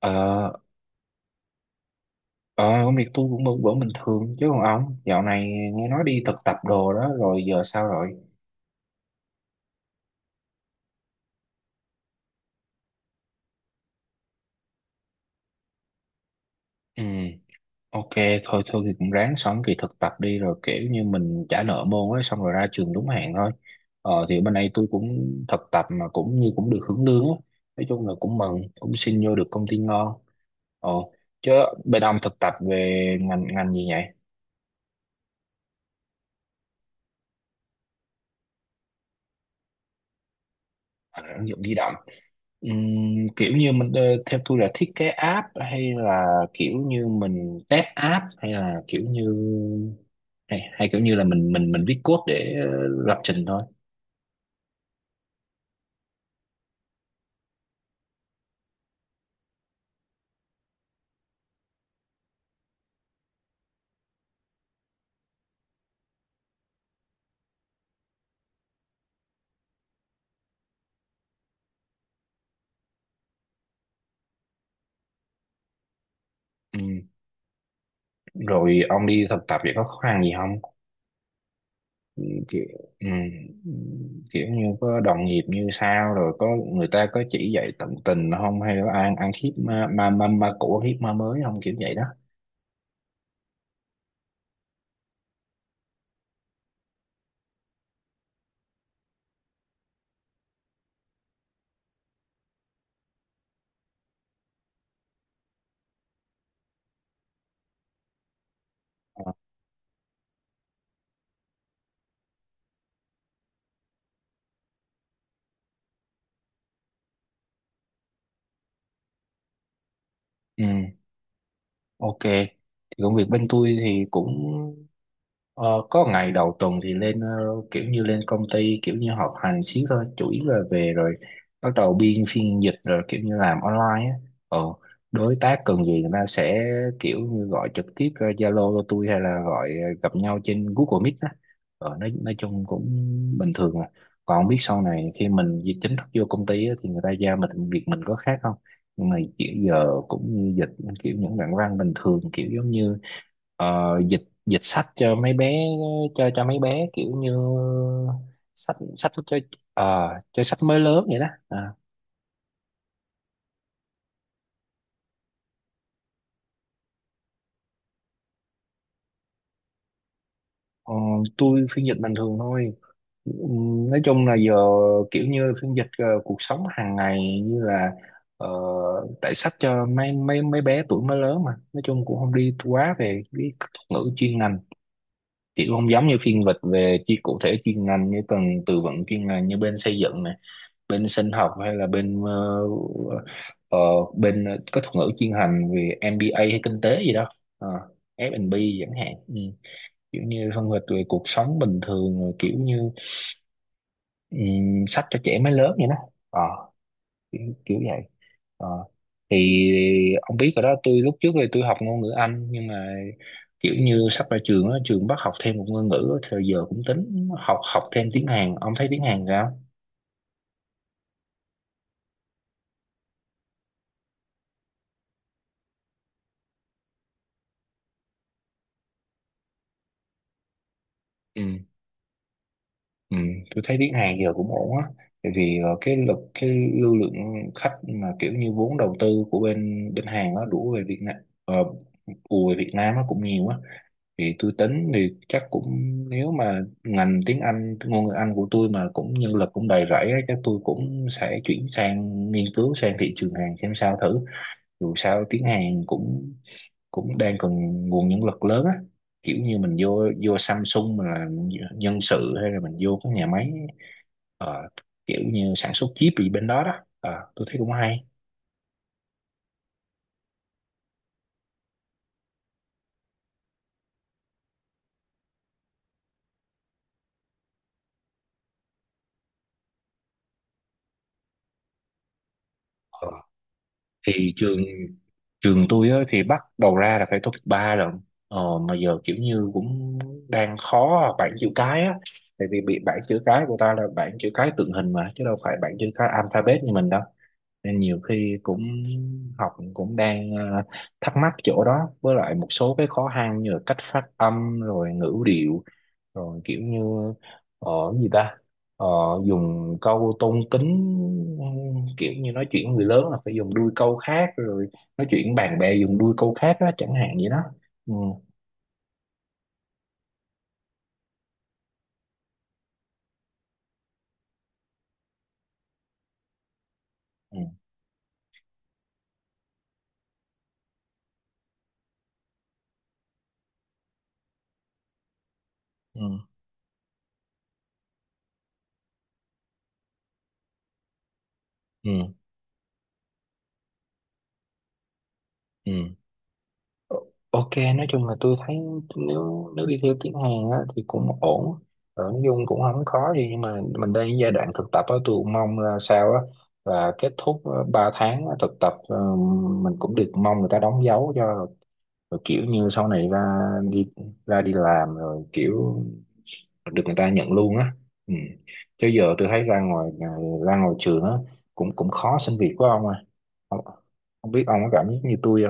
Ờ, ờ, công việc tôi cũng vẫn vẫn bình thường chứ còn ông dạo này nghe nói đi thực tập đồ đó rồi giờ sao rồi? Ừ, ok, thôi thôi thì cũng ráng xong kỳ thực tập đi rồi kiểu như mình trả nợ môn ấy xong rồi ra trường đúng hạn thôi. Ờ, thì bên đây tôi cũng thực tập mà cũng như cũng được hưởng lương á. Nói chung là cũng mừng, cũng xin vô được công ty ngon. Ồ, chứ bên ông thực tập về ngành ngành gì vậy? À, ứng dụng di động. Kiểu như mình, theo tôi là thiết kế app hay là kiểu như mình test app, hay là kiểu như hay kiểu như là mình viết code để lập trình thôi. Ừm, rồi ông đi thực tập vậy có khó khăn gì không, kiểu ừm, kiểu như có đồng nghiệp như sao, rồi có người ta có chỉ dạy tận tình không, hay là ăn ăn khiếp, ma cũ ăn khiếp ma mới không, kiểu vậy đó. Ờ, Ừm, ok, thì công việc bên tôi thì cũng, ờ, có ngày đầu tuần thì lên, kiểu như lên công ty kiểu như họp hành xíu thôi, chủ yếu là về rồi bắt đầu biên phiên dịch, rồi kiểu như làm online á, ờ, đối tác cần gì người ta sẽ kiểu như gọi trực tiếp ra Zalo cho tôi, hay là gọi, gặp nhau trên Google Meet á, ờ, nói chung cũng bình thường à. Còn biết sau này khi mình di- chính thức vô công ty á, thì người ta giao mình việc mình có khác không, nhưng mà kiểu giờ cũng như dịch kiểu những đoạn văn bình thường, kiểu giống như, dịch dịch sách cho mấy bé, cho mấy bé kiểu như sách sách cho, cho sách mới lớn vậy đó, à, ờ, tôi phiên dịch bình thường thôi. Nói chung là giờ kiểu như phiên dịch, cuộc sống hàng ngày, như là, ờ, tại sách cho mấy mấy mấy bé tuổi mới lớn, mà nói chung cũng không đi quá về cái thuật ngữ chuyên ngành, chỉ không giống như phiên dịch về chi cụ thể chuyên ngành như cần từ vựng chuyên ngành như bên xây dựng này, bên sinh học, hay là bên ờ, bên có thuật ngữ chuyên ngành về MBA hay kinh tế gì đó. Ờ, F&B chẳng hạn, ừ, kiểu như phân tích về cuộc sống bình thường, rồi kiểu như sách cho trẻ mới lớn vậy đó. Ờ, kiểu vậy. Ờ, thì ông biết rồi đó, tôi lúc trước thì tôi học ngôn ngữ Anh, nhưng mà kiểu như sắp ra trường á, trường bắt học thêm một ngôn ngữ á, thì giờ cũng tính học học thêm tiếng Hàn, ông thấy tiếng Hàn sao? Ừ. Ừ, tôi thấy tiếng Hàn giờ cũng ổn á, tại vì, cái lực cái lưu lượng khách mà kiểu như vốn đầu tư của bên bên Hàn nó đổ về Việt Nam, uh, ùa về Việt Nam nó cũng nhiều á, thì tôi tính thì chắc cũng, nếu mà ngành tiếng Anh ngôn ngữ Anh của tôi mà cũng nhân lực cũng đầy rẫy á, chắc tôi cũng sẽ chuyển sang nghiên cứu sang thị trường Hàn xem sao thử. Dù sao tiếng Hàn cũng cũng đang cần nguồn nhân lực lớn á, kiểu như mình vô vô Samsung mình là nhân sự, hay là mình vô các nhà máy, ờ, kiểu như sản xuất chip gì bên đó đó. Ờ, tôi thấy cũng hay. Ờ, thì trường trường tôi á, thì bắt đầu ra là phải tốt nghiệp ba lận, ờ, mà giờ kiểu như cũng đang khó à, bảng chữ cái á, tại vì bị bảng chữ cái của ta là bảng chữ cái tượng hình mà, chứ đâu phải bảng chữ cái alphabet như mình đâu, nên nhiều khi cũng học cũng đang, thắc mắc chỗ đó, với lại một số cái khó khăn như là cách phát âm, rồi ngữ điệu, rồi kiểu như, ờ gì ta, ờ, dùng câu tôn kính, kiểu như nói chuyện người lớn là phải dùng đuôi câu khác, rồi nói chuyện bạn bè dùng đuôi câu khác đó, chẳng hạn vậy đó. Ừ, ừ, ừ, ừ, ừ. Ok, nói chung là tôi thấy, nếu nếu đi theo tiếng Hàn á, thì cũng ổn. Ờ, nói chung cũng không khó gì, nhưng mà mình đang ở giai đoạn thực tập á, tôi cũng mong là sao á, là kết thúc, 3 tháng á, thực tập, mình cũng được, mong người ta đóng dấu cho, rồi kiểu như sau này ra đi làm rồi kiểu được người ta nhận luôn á, ừ. Chứ giờ tôi thấy ra ngoài à, ra ngoài trường á, cũng cũng khó xin việc của ông à, không, không biết ông có cảm giác như tôi.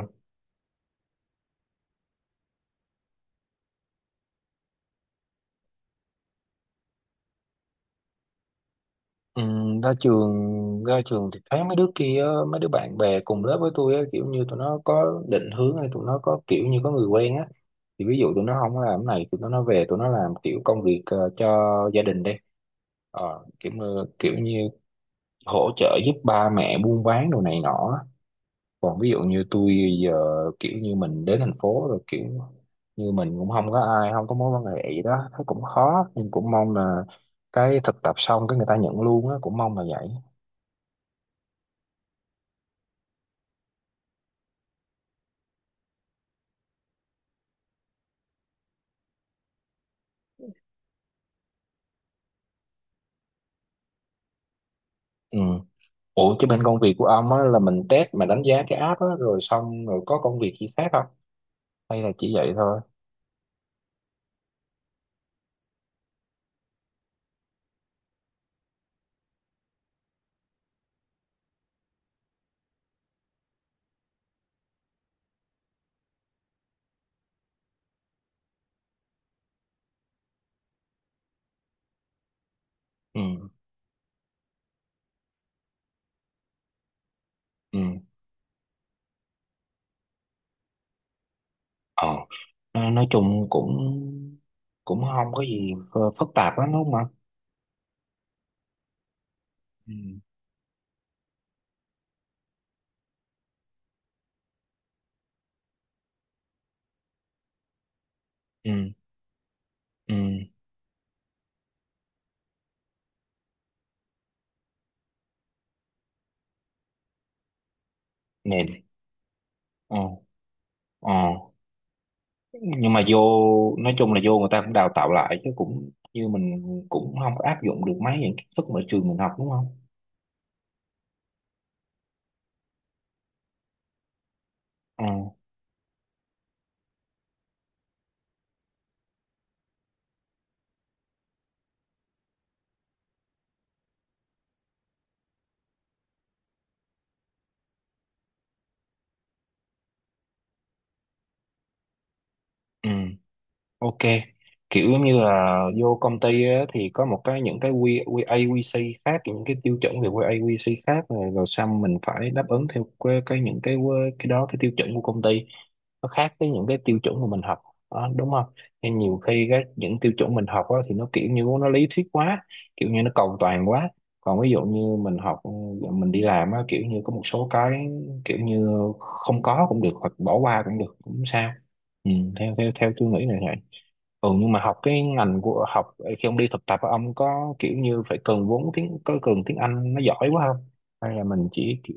Ừ, ra trường thì thấy mấy đứa kia á, mấy đứa bạn bè cùng lớp với tôi á, kiểu như tụi nó có định hướng, hay tụi nó có kiểu như có người quen á, thì ví dụ tụi nó không có làm cái này tụi nó về tụi nó làm kiểu công việc, cho gia đình đi, ờ, kiểu như hỗ trợ giúp ba mẹ buôn bán đồ này nọ á. Còn ví dụ như tôi giờ kiểu như mình đến thành phố rồi kiểu như mình cũng không có ai, không có mối quan hệ gì đó, thấy cũng khó, nhưng cũng mong là cái thực tập xong cái người ta nhận luôn á, cũng mong là vậy. Ừ. Ủa chứ bên công việc của ông á là mình test mà đánh giá cái app á, rồi xong rồi có công việc gì khác không? Hay là chỉ vậy thôi? Ừ, ừ. Ờ, nói chung cũng cũng không có gì phức tạp lắm đúng không ạ? Ừ, ừ, ừ. Nè, ờ, ờ. Nhưng mà vô, nói chung là vô người ta cũng đào tạo lại, chứ cũng như mình cũng không có áp dụng được mấy những kiến thức mà trường mình học đúng không? Ừ, ừ. Ok, kiểu giống như là vô công ty á, thì có một cái, những cái quy quy AQC khác, những cái tiêu chuẩn về quy AQC khác rồi, rồi xong mình phải đáp ứng theo cái những cái cái đó, cái tiêu chuẩn của công ty nó khác với những cái tiêu chuẩn mà mình học đó, đúng không? Nên nhiều khi cái những tiêu chuẩn mình học á, thì nó kiểu như nó lý thuyết quá, kiểu như nó cầu toàn quá. Còn ví dụ như mình học mình đi làm á, kiểu như có một số cái kiểu như không có cũng được, hoặc bỏ qua cũng được, cũng sao. Ừ, theo theo theo tôi nghĩ này, ừ, nhưng mà học cái ngành của học, khi ông đi thực tập á, ông có kiểu như phải cần vốn tiếng, có cần tiếng Anh nó giỏi quá không, hay là mình chỉ kiểu.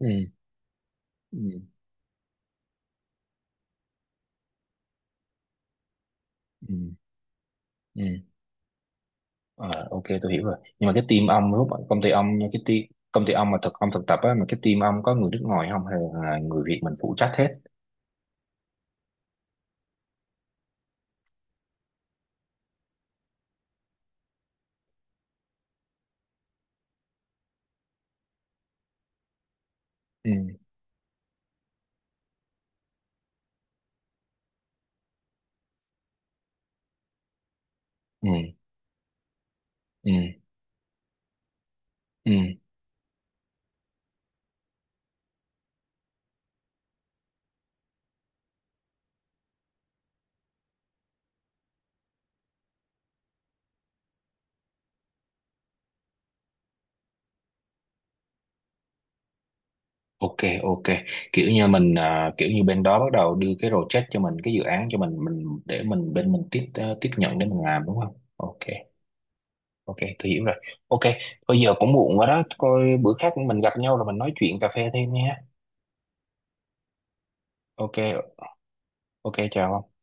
Ừ, ừ, ừ. Ờ, ok tôi hiểu rồi, nhưng mà cái team ông lúc mà công ty ông nha, cái team công ty ông mà thực ông thực tập á, mà cái team ông có người nước ngoài không, hay là người Việt mình phụ trách hết? Ừ, ừ, ừ, ừ, ok, ok, kiểu như mình à, kiểu như bên đó bắt đầu đưa cái project cho mình, cái dự án cho mình để mình bên mình tiếp, tiếp nhận để mình làm đúng không, ok. Ok, tôi hiểu rồi. Ok, bây giờ cũng muộn rồi đó. Coi bữa khác mình gặp nhau rồi mình nói chuyện cà phê thêm nha. Ok, ok, chào ông.